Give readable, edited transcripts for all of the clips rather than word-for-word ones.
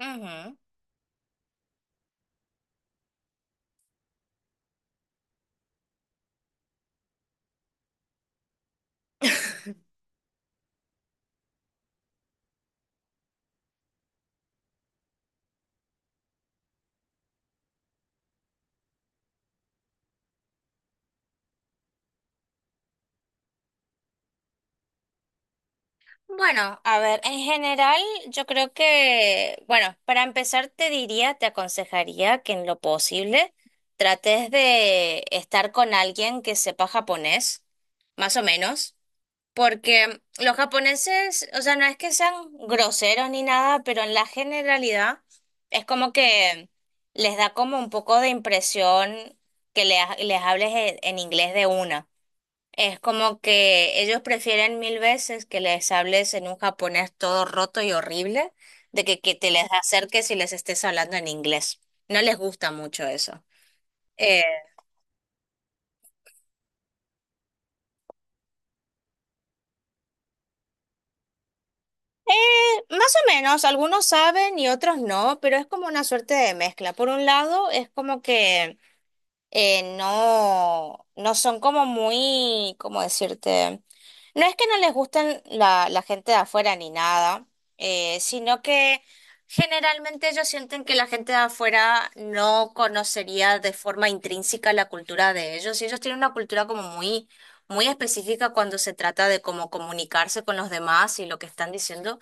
Ujú. Bueno, a ver, en general yo creo que, bueno, para empezar te diría, te aconsejaría que en lo posible trates de estar con alguien que sepa japonés, más o menos, porque los japoneses, o sea, no es que sean groseros ni nada, pero en la generalidad es como que les da como un poco de impresión que les hables en inglés de una. Es como que ellos prefieren mil veces que les hables en un japonés todo roto y horrible, de que te les acerques y les estés hablando en inglés. No les gusta mucho eso. Eh, Más o menos, algunos saben y otros no, pero es como una suerte de mezcla. Por un lado, es como que no, no son como muy, ¿cómo decirte? No es que no les gusten la gente de afuera ni nada, sino que generalmente ellos sienten que la gente de afuera no conocería de forma intrínseca la cultura de ellos. Y ellos tienen una cultura como muy, muy específica cuando se trata de cómo comunicarse con los demás y lo que están diciendo.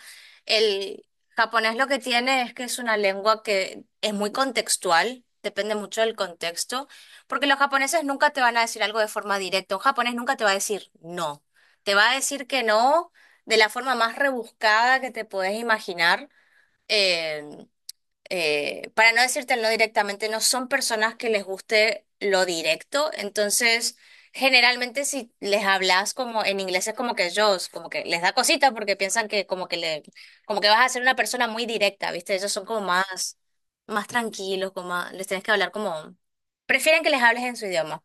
El japonés lo que tiene es que es una lengua que es muy contextual, depende mucho del contexto. Porque los japoneses nunca te van a decir algo de forma directa. Un japonés nunca te va a decir no. Te va a decir que no de la forma más rebuscada que te puedes imaginar. eh, para no decirte no directamente, no son personas que les guste lo directo, entonces generalmente si les hablas como en inglés es como que ellos como que les da cosita porque piensan que como que vas a ser una persona muy directa, ¿viste? Ellos son como más, más tranquilos, les tienes que hablar como, prefieren que les hables en su idioma.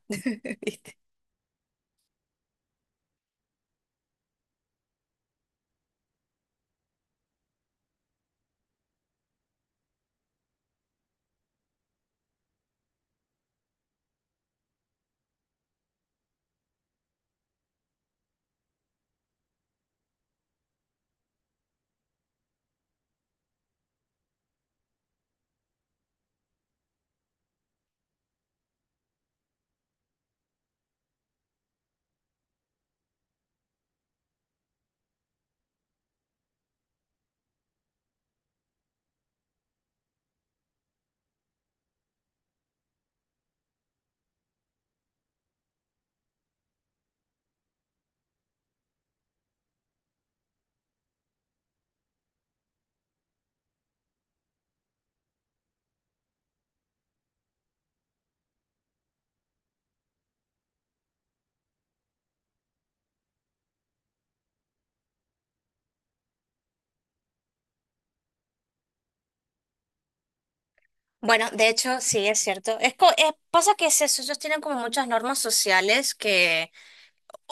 Bueno, de hecho, sí, es cierto. Pasa que es eso, ellos tienen como muchas normas sociales.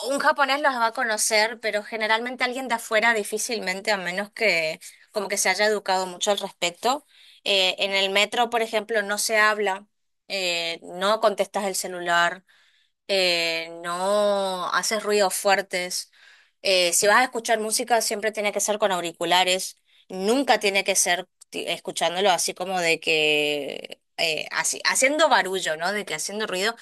Un japonés los va a conocer, pero generalmente alguien de afuera difícilmente, a menos que como que se haya educado mucho al respecto. En el metro, por ejemplo, no se habla, no contestas el celular, no haces ruidos fuertes. Si vas a escuchar música, siempre tiene que ser con auriculares. Nunca tiene que ser escuchándolo así como de que así, haciendo barullo, ¿no? De que haciendo ruido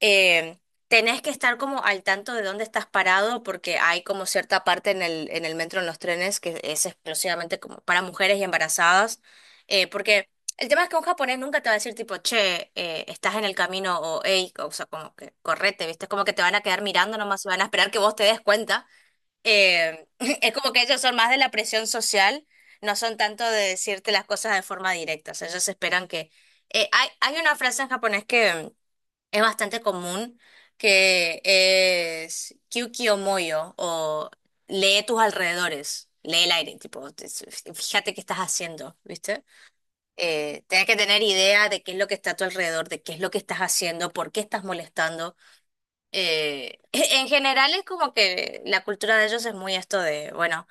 eh, tenés que estar como al tanto de dónde estás parado porque hay como cierta parte en en el metro, en los trenes, que es exclusivamente como para mujeres y embarazadas, porque el tema es que un japonés nunca te va a decir tipo, che, estás en el camino o hey, o sea, como que correte, ¿viste? Es como que te van a quedar mirando nomás y van a esperar que vos te des cuenta. Eh, es como que ellos son más de la presión social, no son tanto de decirte las cosas de forma directa, o sea, ellos esperan que... hay una frase en japonés que es bastante común que es moyo o lee tus alrededores, lee el aire, tipo, fíjate qué estás haciendo, ¿viste? Tienes que tener idea de qué es lo que está a tu alrededor, de qué es lo que estás haciendo, por qué estás molestando. En general es como que la cultura de ellos es muy esto de, bueno,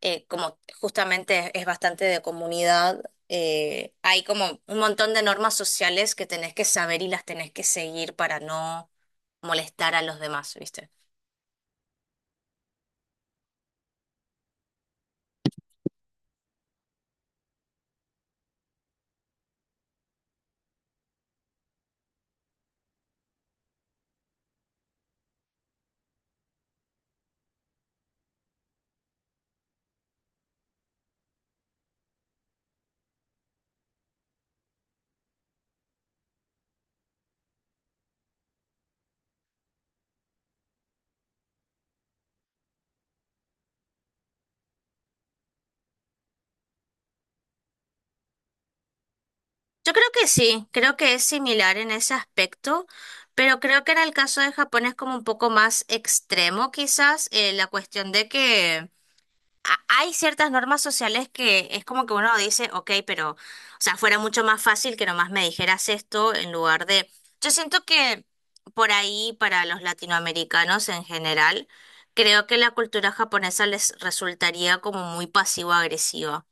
como justamente es, bastante de comunidad, hay como un montón de normas sociales que tenés que saber y las tenés que seguir para no molestar a los demás, ¿viste? Yo creo que sí, creo que es similar en ese aspecto, pero creo que en el caso de Japón es como un poco más extremo quizás, la cuestión de que... Hay ciertas normas sociales que es como que uno dice, ok, pero, o sea, fuera mucho más fácil que nomás me dijeras esto en lugar de... Yo siento que por ahí, para los latinoamericanos en general, creo que la cultura japonesa les resultaría como muy pasivo-agresiva.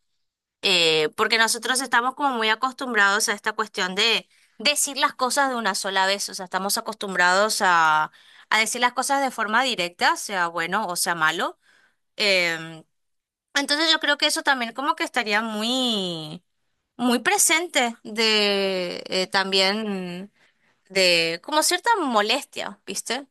Porque nosotros estamos como muy acostumbrados a esta cuestión de decir las cosas de una sola vez, o sea, estamos acostumbrados a decir las cosas de forma directa, sea bueno o sea malo. Em, entonces yo creo que eso también como que estaría muy, muy presente de también de como cierta molestia, ¿viste?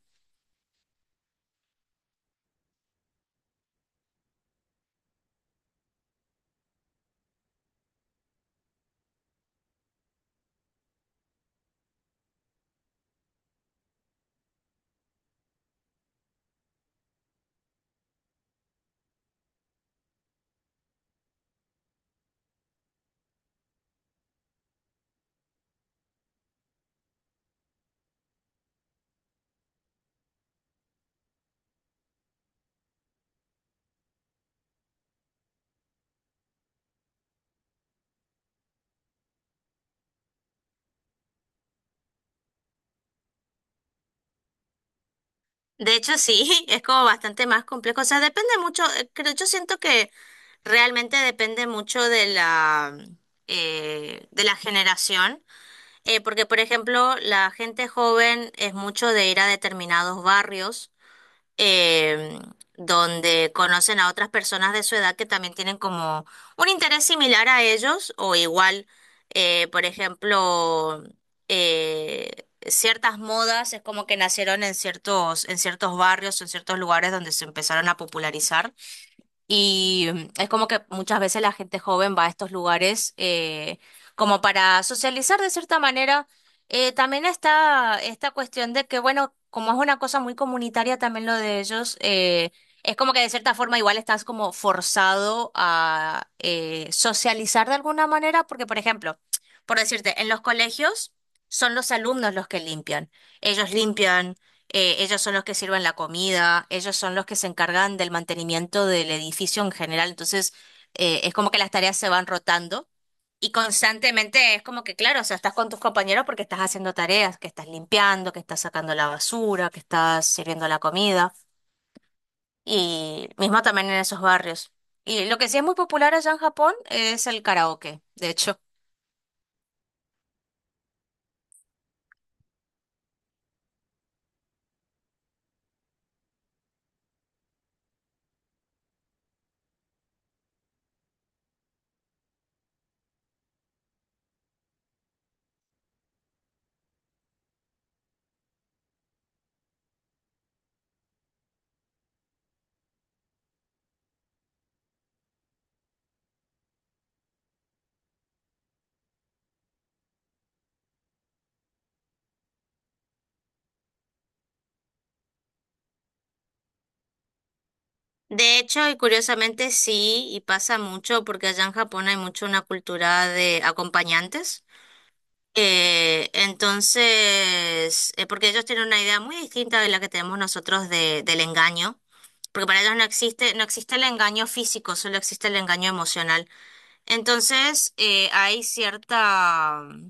De hecho sí, es como bastante más complejo. O sea, depende mucho, creo, yo siento que realmente depende mucho de la generación. Porque, por ejemplo, la gente joven es mucho de ir a determinados barrios eh, donde conocen a otras personas de su edad que también tienen como un interés similar a ellos o igual, por ejemplo, eh, ciertas modas es como que nacieron en ciertos barrios, en ciertos lugares donde se empezaron a popularizar. Y mm, es como que muchas veces la gente joven va a estos lugares como para socializar de cierta manera. También está esta cuestión de que, bueno, como es una cosa muy comunitaria también lo de ellos, es como que de cierta forma igual estás como forzado a socializar de alguna manera, porque, por ejemplo, por decirte, en los colegios son los alumnos los que limpian. Ellos limpian ellos son los que sirven la comida, ellos son los que se encargan del mantenimiento del edificio en general. Entonces, es como que las tareas se van rotando y constantemente es como que, claro, o sea, estás con tus compañeros porque estás haciendo tareas, que estás limpiando, que estás sacando la basura, que estás sirviendo la comida y mismo también en esos barrios. Y lo que sí es muy popular allá en Japón es el karaoke, de hecho. De hecho, y curiosamente sí, y pasa mucho porque allá en Japón hay mucho una cultura de acompañantes. Entonces, porque ellos tienen una idea muy distinta de la que tenemos nosotros del engaño, porque para ellos no existe, no existe el engaño físico, solo existe el engaño emocional. Entonces, hay cierta, mm,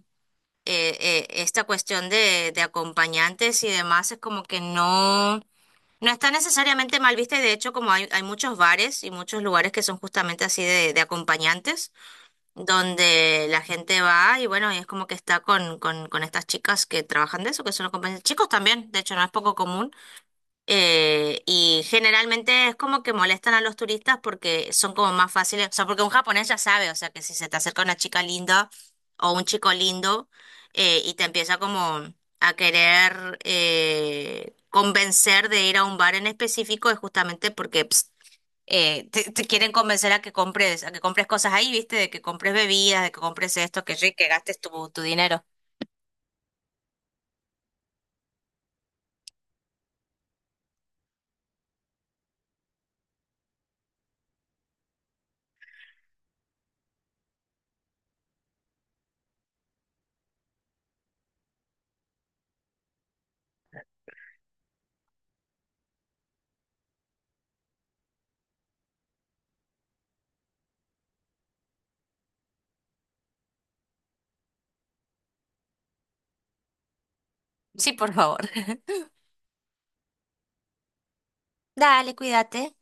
eh, eh, esta cuestión de acompañantes y demás, es como que no, no está necesariamente mal vista y de hecho como hay muchos bares y muchos lugares que son justamente así de acompañantes donde la gente va y bueno, y es como que está con estas chicas que trabajan de eso, que son los compañeros, chicos también, de hecho no es poco común, y generalmente es como que molestan a los turistas porque son como más fáciles, o sea, porque un japonés ya sabe, o sea, que si se te acerca una chica linda o un chico lindo y te empieza como a querer convencer de ir a un bar en específico, es justamente porque... te quieren convencer a que compres cosas ahí, ¿viste? De que compres bebidas, de que compres esto, que, sí, que gastes tu dinero. Sí, por favor. Dale, cuídate.